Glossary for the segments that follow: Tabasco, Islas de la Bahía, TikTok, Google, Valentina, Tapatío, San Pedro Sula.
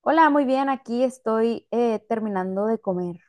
Hola, muy bien, aquí estoy terminando de comer.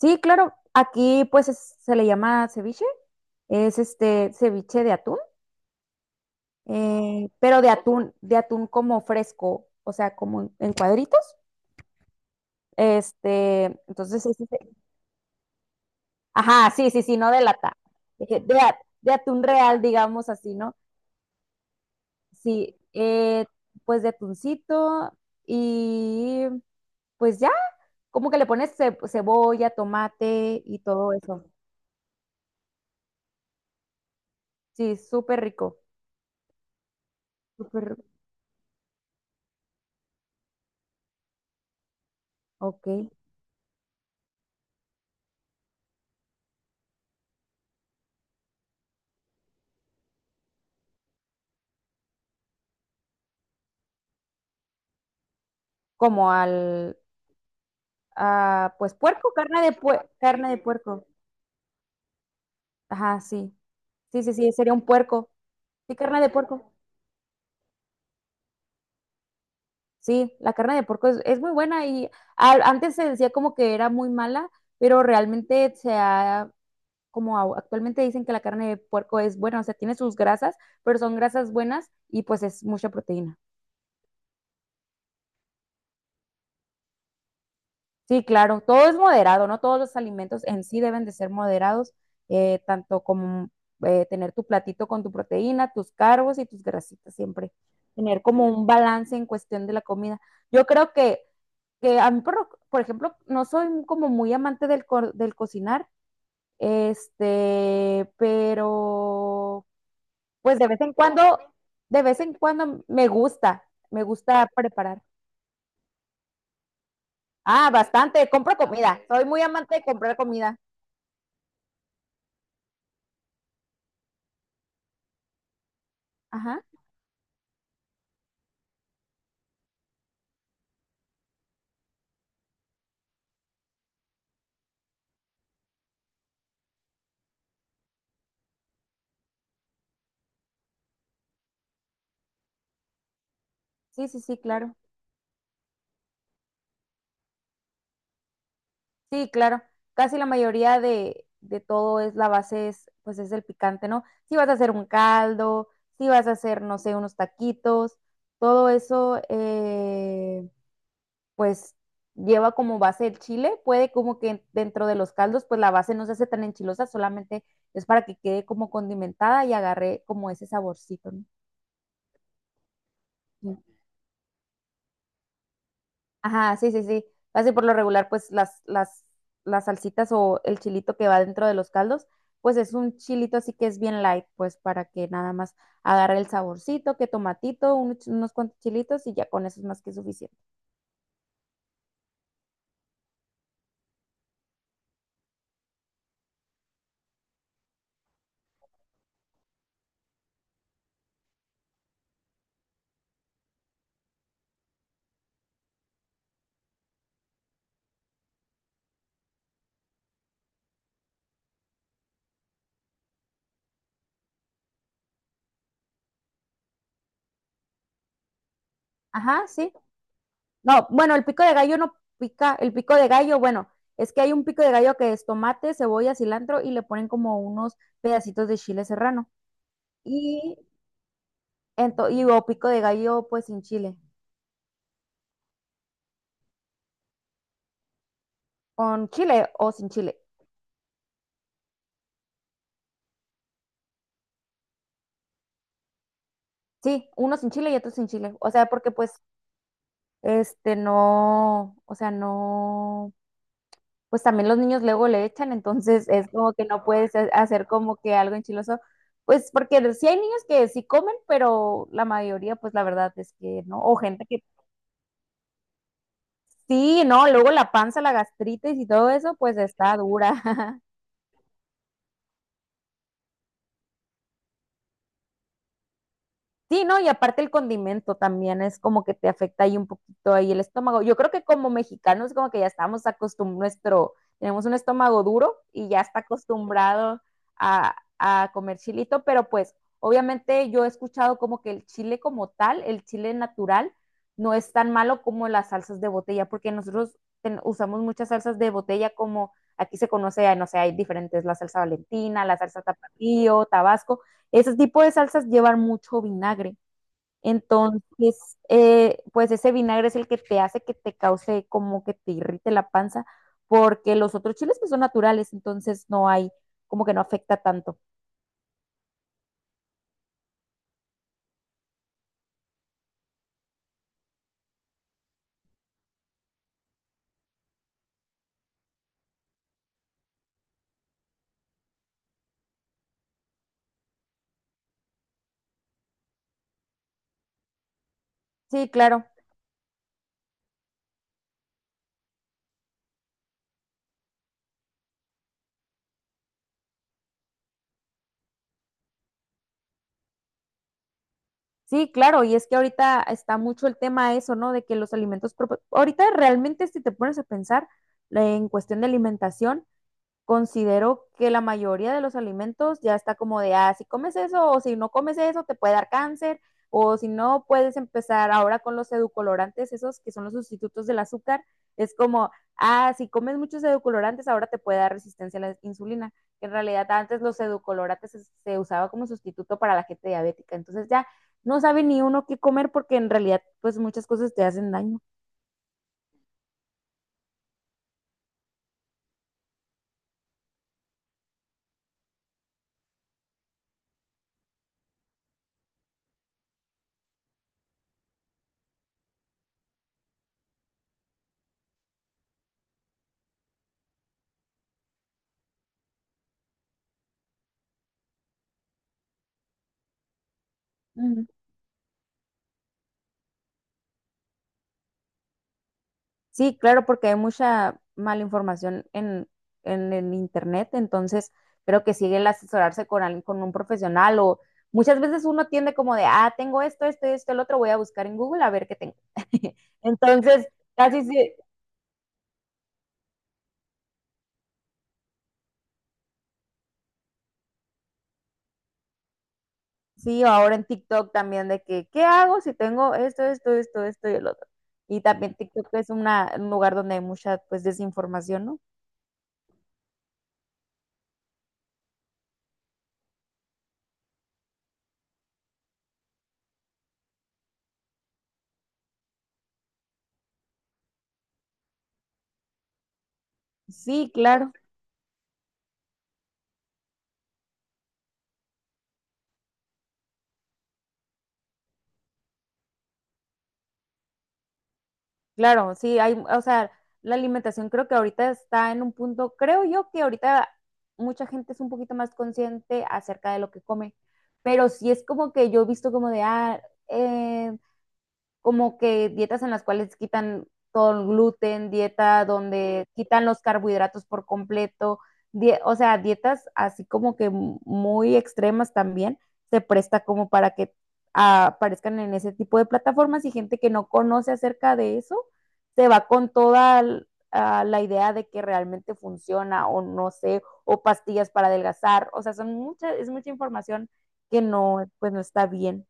Sí, claro, aquí pues se le llama ceviche, es este ceviche de atún, pero de atún como fresco, o sea, como en cuadritos. Este, entonces, ajá, sí, sí, sí, no de lata, de atún real, digamos así, ¿no? Sí, pues de atuncito y pues ya, como que le pones cebolla, tomate y todo eso. Sí, súper rico. Súper, rico. Ok. Como al, pues puerco, carne de puerco. Ajá, sí. Sí, sí, sí, sería un puerco. Sí, carne de puerco. Sí, la carne de puerco es muy buena y antes se decía como que era muy mala, pero realmente se ha, actualmente dicen que la carne de puerco es buena, o sea, tiene sus grasas, pero son grasas buenas y pues es mucha proteína. Sí, claro, todo es moderado, ¿no? Todos los alimentos en sí deben de ser moderados, tanto como tener tu platito con tu proteína, tus carbos y tus grasitas siempre. Tener como un balance en cuestión de la comida. Yo creo que a mí, por ejemplo, no soy como muy amante del cocinar, este, pero pues de vez en cuando, de vez en cuando me gusta preparar. Ah, bastante, compro comida, soy muy amante de comprar comida. Ajá, sí, sí, sí, claro. Sí, claro. Casi la mayoría de todo es la base, pues es el picante, ¿no? Si vas a hacer un caldo, si vas a hacer, no sé, unos taquitos, todo eso, pues lleva como base el chile. Puede como que dentro de los caldos, pues la base no se hace tan enchilosa, solamente es para que quede como condimentada y agarre como ese saborcito, ¿no? Ajá, sí, sí, sí. Casi por lo regular, pues las salsitas o el chilito que va dentro de los caldos, pues es un chilito así que es bien light, pues para que nada más agarre el saborcito, que tomatito, unos cuantos chilitos y ya con eso es más que suficiente. Ajá, sí. No, bueno, el pico de gallo no pica, el pico de gallo, bueno, es que hay un pico de gallo que es tomate, cebolla, cilantro y le ponen como unos pedacitos de chile serrano. Y, y o pico de gallo pues sin chile, con chile o sin chile. Sí, unos sin chile y otros sin chile. O sea, porque pues, este, no, o sea, no, pues también los niños luego le echan, entonces es como que no puedes hacer como que algo enchiloso. Pues porque sí hay niños que sí comen, pero la mayoría, pues la verdad es que no. O gente que sí, no, luego la panza, la gastritis y todo eso, pues está dura. Sí, ¿no? Y aparte el condimento también es como que te afecta ahí un poquito ahí el estómago. Yo creo que como mexicanos como que ya estamos acostumbrados, nuestro, tenemos un estómago duro y ya está acostumbrado a comer chilito, pero pues obviamente yo he escuchado como que el chile como tal, el chile natural, no es tan malo como las salsas de botella, porque nosotros usamos muchas salsas de botella como aquí se conoce, no sé, hay diferentes, la salsa Valentina, la salsa Tapatío, Tabasco ese tipo de salsas llevan mucho vinagre. Entonces, pues ese vinagre es el que te hace que te cause como que te irrite la panza, porque los otros chiles pues son naturales, entonces no hay, como que no afecta tanto. Sí, claro. Sí, claro, y es que ahorita está mucho el tema eso, ¿no? De que los alimentos, ahorita realmente si te pones a pensar en cuestión de alimentación, considero que la mayoría de los alimentos ya está como de, ah, si comes eso o si no comes eso te puede dar cáncer o si no puedes empezar ahora con los edulcorantes, esos que son los sustitutos del azúcar, es como, ah, si comes muchos edulcorantes ahora te puede dar resistencia a la insulina. En realidad antes los edulcorantes se usaba como sustituto para la gente diabética, entonces ya no sabe ni uno qué comer porque en realidad pues muchas cosas te hacen daño. Sí, claro, porque hay mucha mala información en el internet, entonces creo que sigue el asesorarse con alguien, con un profesional o muchas veces uno tiende como de, ah, tengo esto, esto, esto, el otro, voy a buscar en Google a ver qué tengo. Entonces, casi sí, sí, o ahora en TikTok también de que, ¿qué hago si tengo esto, esto, esto, esto y el otro? Y también TikTok es un lugar donde hay mucha, pues, desinformación, ¿no? Sí, claro. Claro, sí, hay, o sea, la alimentación creo que ahorita está en un punto, creo yo que ahorita mucha gente es un poquito más consciente acerca de lo que come, pero sí es como que yo he visto como de, ah, eh, como que dietas en las cuales quitan todo el gluten, dieta donde quitan los carbohidratos por completo, o sea, dietas así como que muy extremas también, se presta como para que ah, aparezcan en ese tipo de plataformas y gente que no conoce acerca de eso se va con toda la idea de que realmente funciona o no sé, o pastillas para adelgazar, o sea, son muchas, es mucha información que no, pues no está bien.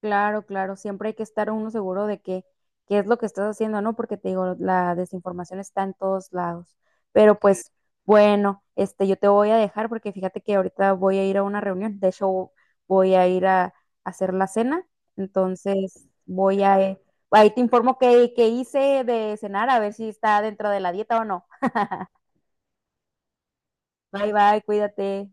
Claro, claro, siempre hay que estar uno seguro de que qué es lo que estás haciendo, ¿no? Porque te digo, la desinformación está en todos lados. Pero sí, pues, bueno, este, yo te voy a dejar porque fíjate que ahorita voy a ir a una reunión. De hecho, voy a ir a hacer la cena. Entonces, voy a, ahí te informo qué hice de cenar, a ver si está dentro de la dieta o no. Bye, bye, cuídate.